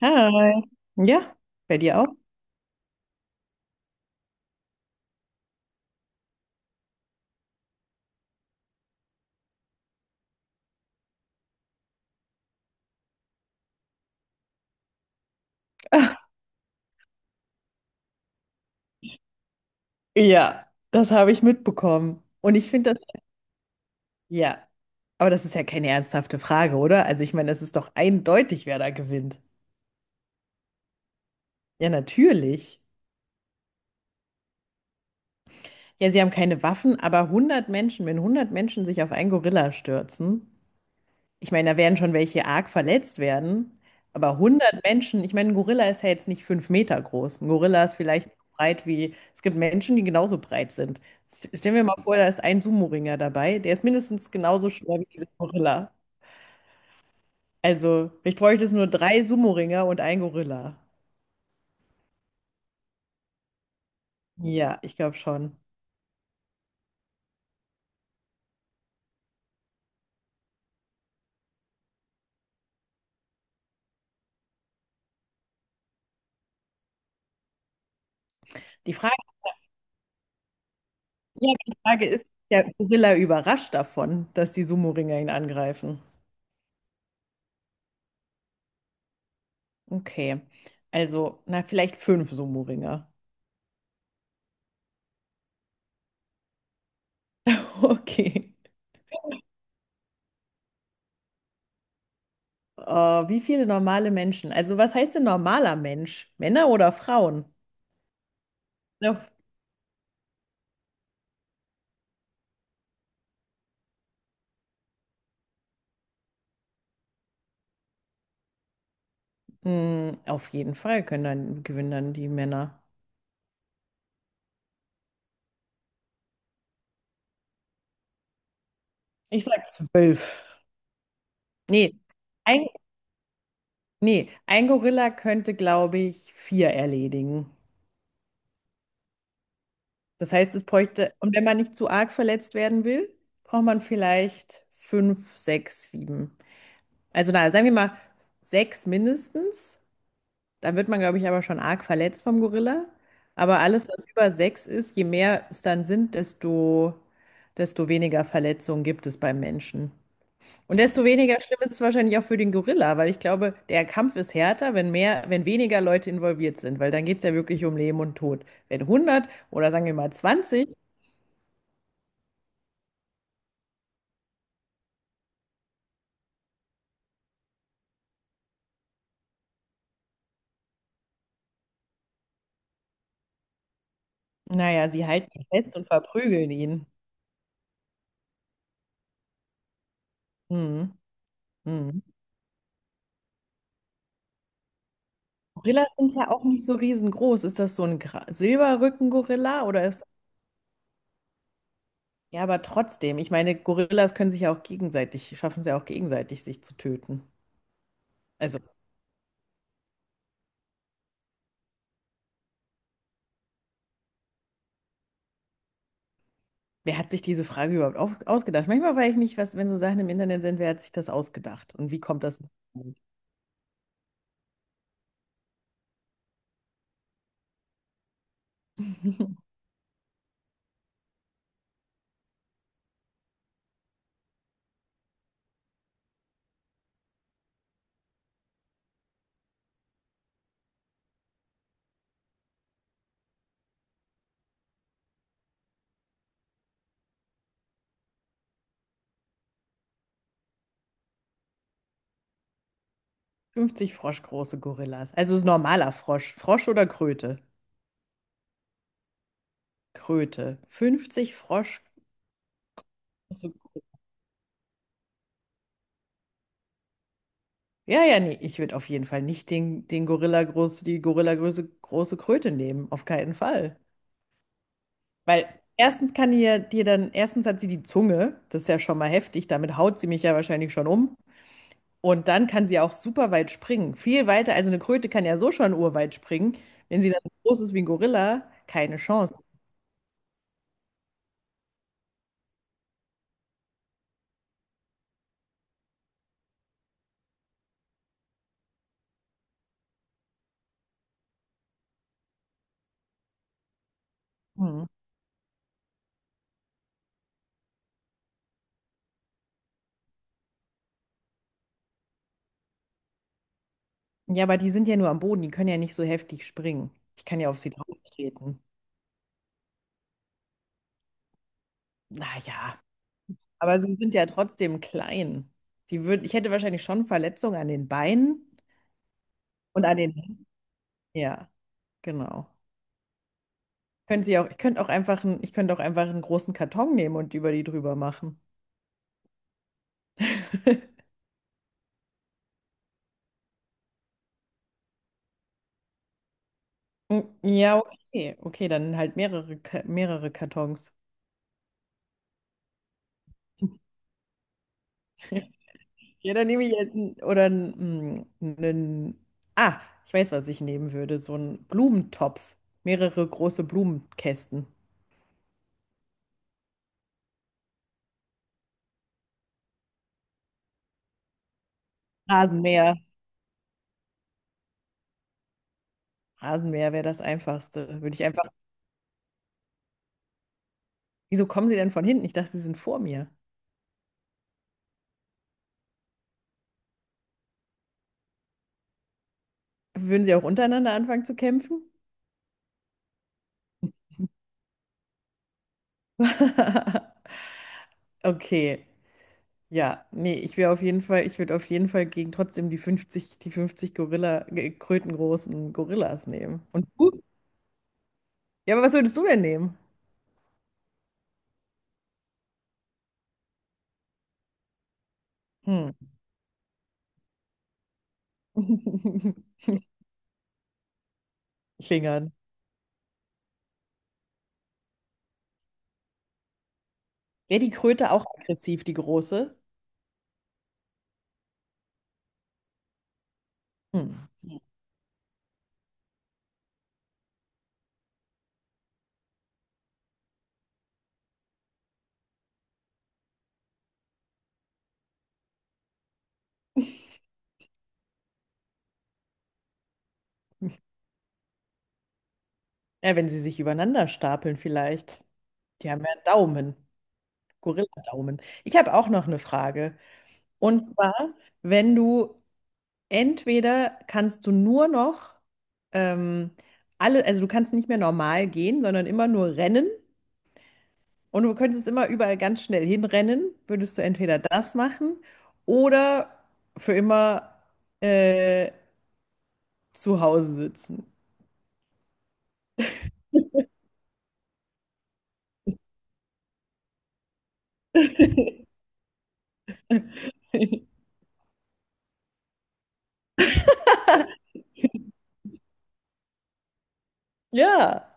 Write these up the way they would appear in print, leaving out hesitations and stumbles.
Hi. Ja, bei dir auch? Ja, das habe ich mitbekommen. Und ich finde das, ja, aber das ist ja keine ernsthafte Frage, oder? Also ich meine, es ist doch eindeutig, wer da gewinnt. Ja, natürlich. Ja, sie haben keine Waffen, aber 100 Menschen, wenn 100 Menschen sich auf einen Gorilla stürzen, ich meine, da werden schon welche arg verletzt werden, aber 100 Menschen, ich meine, ein Gorilla ist ja jetzt nicht 5 Meter groß. Ein Gorilla ist vielleicht so breit wie, es gibt Menschen, die genauso breit sind. Stellen wir mal vor, da ist ein Sumo-Ringer dabei, der ist mindestens genauso schwer wie dieser Gorilla. Also, ich bräuchte es nur drei Sumo-Ringer und ein Gorilla. Ja, ich glaube schon. Die Frage, ja, die Frage ist, ist der Gorilla überrascht davon, dass die Sumo-Ringer ihn angreifen? Okay, also, na, vielleicht fünf Sumo-Ringer. Okay. Äh, Wie viele normale Menschen? Also, was heißt denn normaler Mensch? Männer oder Frauen? Ja. Hm, auf jeden Fall können dann, gewinnen dann die Männer. Ich sag 12. Nee, ein, nee, ein Gorilla könnte, glaube ich, vier erledigen. Das heißt, es bräuchte, und wenn man nicht zu arg verletzt werden will, braucht man vielleicht fünf, sechs, sieben. Also, na, sagen wir mal sechs mindestens. Dann wird man, glaube ich, aber schon arg verletzt vom Gorilla. Aber alles, was über sechs ist, je mehr es dann sind, desto, desto weniger Verletzungen gibt es beim Menschen. Und desto weniger schlimm ist es wahrscheinlich auch für den Gorilla, weil ich glaube, der Kampf ist härter, wenn mehr, wenn weniger Leute involviert sind, weil dann geht es ja wirklich um Leben und Tod. Wenn hundert oder sagen wir mal 20, naja, sie halten ihn fest und verprügeln ihn. Mhm. Mhm. Gorillas sind ja auch nicht so riesengroß. Ist das so ein Silberrücken-Gorilla oder ist, ja, aber trotzdem, ich meine, Gorillas können sich ja auch gegenseitig, schaffen es ja auch gegenseitig, sich zu töten. Also, wer hat sich diese Frage überhaupt ausgedacht? Manchmal frage ich mich, was, wenn so Sachen im Internet sind, wer hat sich das ausgedacht? Und wie kommt das? 50 froschgroße Gorillas. Also ist normaler Frosch. Frosch oder Kröte? Kröte. 50 Frosch. Große. Ja, ja, nee, ich würde auf jeden Fall nicht den Gorilla groß, die Gorilla große, große Kröte nehmen. Auf keinen Fall. Weil erstens kann ihr dir dann, erstens hat sie die Zunge, das ist ja schon mal heftig, damit haut sie mich ja wahrscheinlich schon um. Und dann kann sie auch super weit springen. Viel weiter, also eine Kröte kann ja so schon urweit springen. Wenn sie dann so groß ist wie ein Gorilla, keine Chance. Hm. Ja, aber die sind ja nur am Boden, die können ja nicht so heftig springen. Ich kann ja auf sie drauftreten. Naja, aber sie sind ja trotzdem klein. Die würden, ich hätte wahrscheinlich schon Verletzungen an den Beinen und an den Händen. Ja, genau. Können Sie auch, ich könnte auch einfach einen, ich könnte auch einfach einen großen Karton nehmen und über die drüber machen. Mm, ja, okay. Okay, dann halt mehrere, mehrere Kartons. Ja, dann nehme ich jetzt oder einen. Ah, ich weiß, was ich nehmen würde. So einen Blumentopf. Mehrere große Blumenkästen. Rasenmäher. Rasenmäher wäre das Einfachste. Würde ich einfach. Wieso kommen Sie denn von hinten? Ich dachte, Sie sind vor mir. Würden Sie auch untereinander anfangen zu kämpfen? Okay. Ja, nee, ich wäre auf jeden Fall, ich würde auf jeden Fall gegen trotzdem die 50, die 50 Gorilla, krötengroßen Gorillas nehmen. Und du? Ja, aber was würdest du denn nehmen? Hm. Fingern. Wäre die Kröte auch aggressiv, die große? Hm. Ja, wenn sie sich übereinander stapeln vielleicht. Die haben ja einen Daumen. Gorilla-Daumen. Ich habe auch noch eine Frage. Und zwar, wenn du entweder kannst du nur noch ähm, alle, also du kannst nicht mehr normal gehen, sondern immer nur rennen. Und du könntest immer überall ganz schnell hinrennen, würdest du entweder das machen oder für immer äh, zu Hause sitzen. Ja,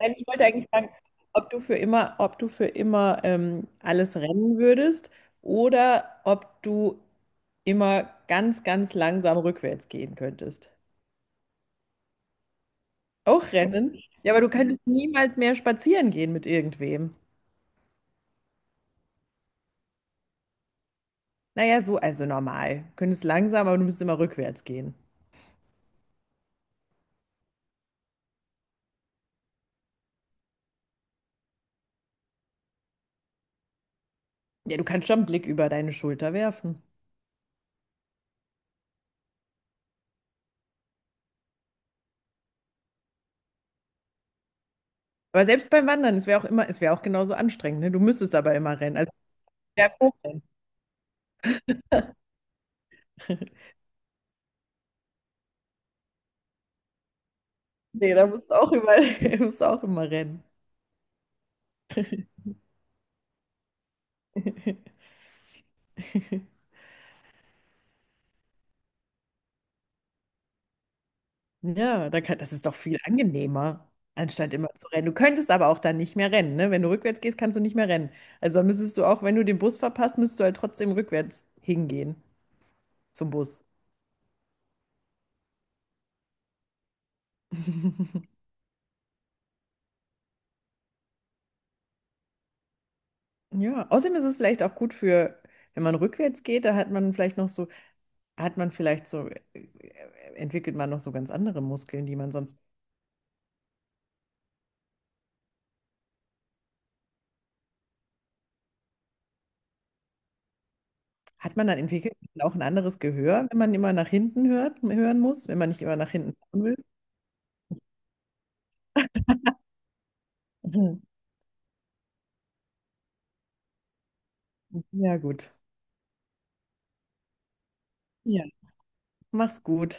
nein, ich wollte eigentlich fragen, ob du für immer alles rennen würdest oder ob du immer ganz, ganz langsam rückwärts gehen könntest. Auch rennen? Ja, aber du könntest niemals mehr spazieren gehen mit irgendwem. Naja, so, also normal. Du könntest langsam, aber du müsstest immer rückwärts gehen. Ja, du kannst schon einen Blick über deine Schulter werfen. Aber selbst beim Wandern, es wäre auch immer, es wäre auch genauso anstrengend, ne? Du müsstest aber immer rennen. Also ja, hochrennen. Nee, da musst du auch immer, musst du auch immer rennen. Ja, da kann, das ist doch viel angenehmer, anstatt immer zu rennen. Du könntest aber auch dann nicht mehr rennen, ne? Wenn du rückwärts gehst, kannst du nicht mehr rennen. Also müsstest du auch, wenn du den Bus verpasst, müsstest du halt trotzdem rückwärts hingehen zum Bus. Ja, außerdem ist es vielleicht auch gut für, wenn man rückwärts geht, da hat man vielleicht noch so, hat man vielleicht so, entwickelt man noch so ganz andere Muskeln, die man sonst, hat man dann entwickelt auch ein anderes Gehör, wenn man immer nach hinten hört, hören muss, wenn man nicht immer nach hinten schauen will? Mhm. Ja, gut. Ja. Mach's gut.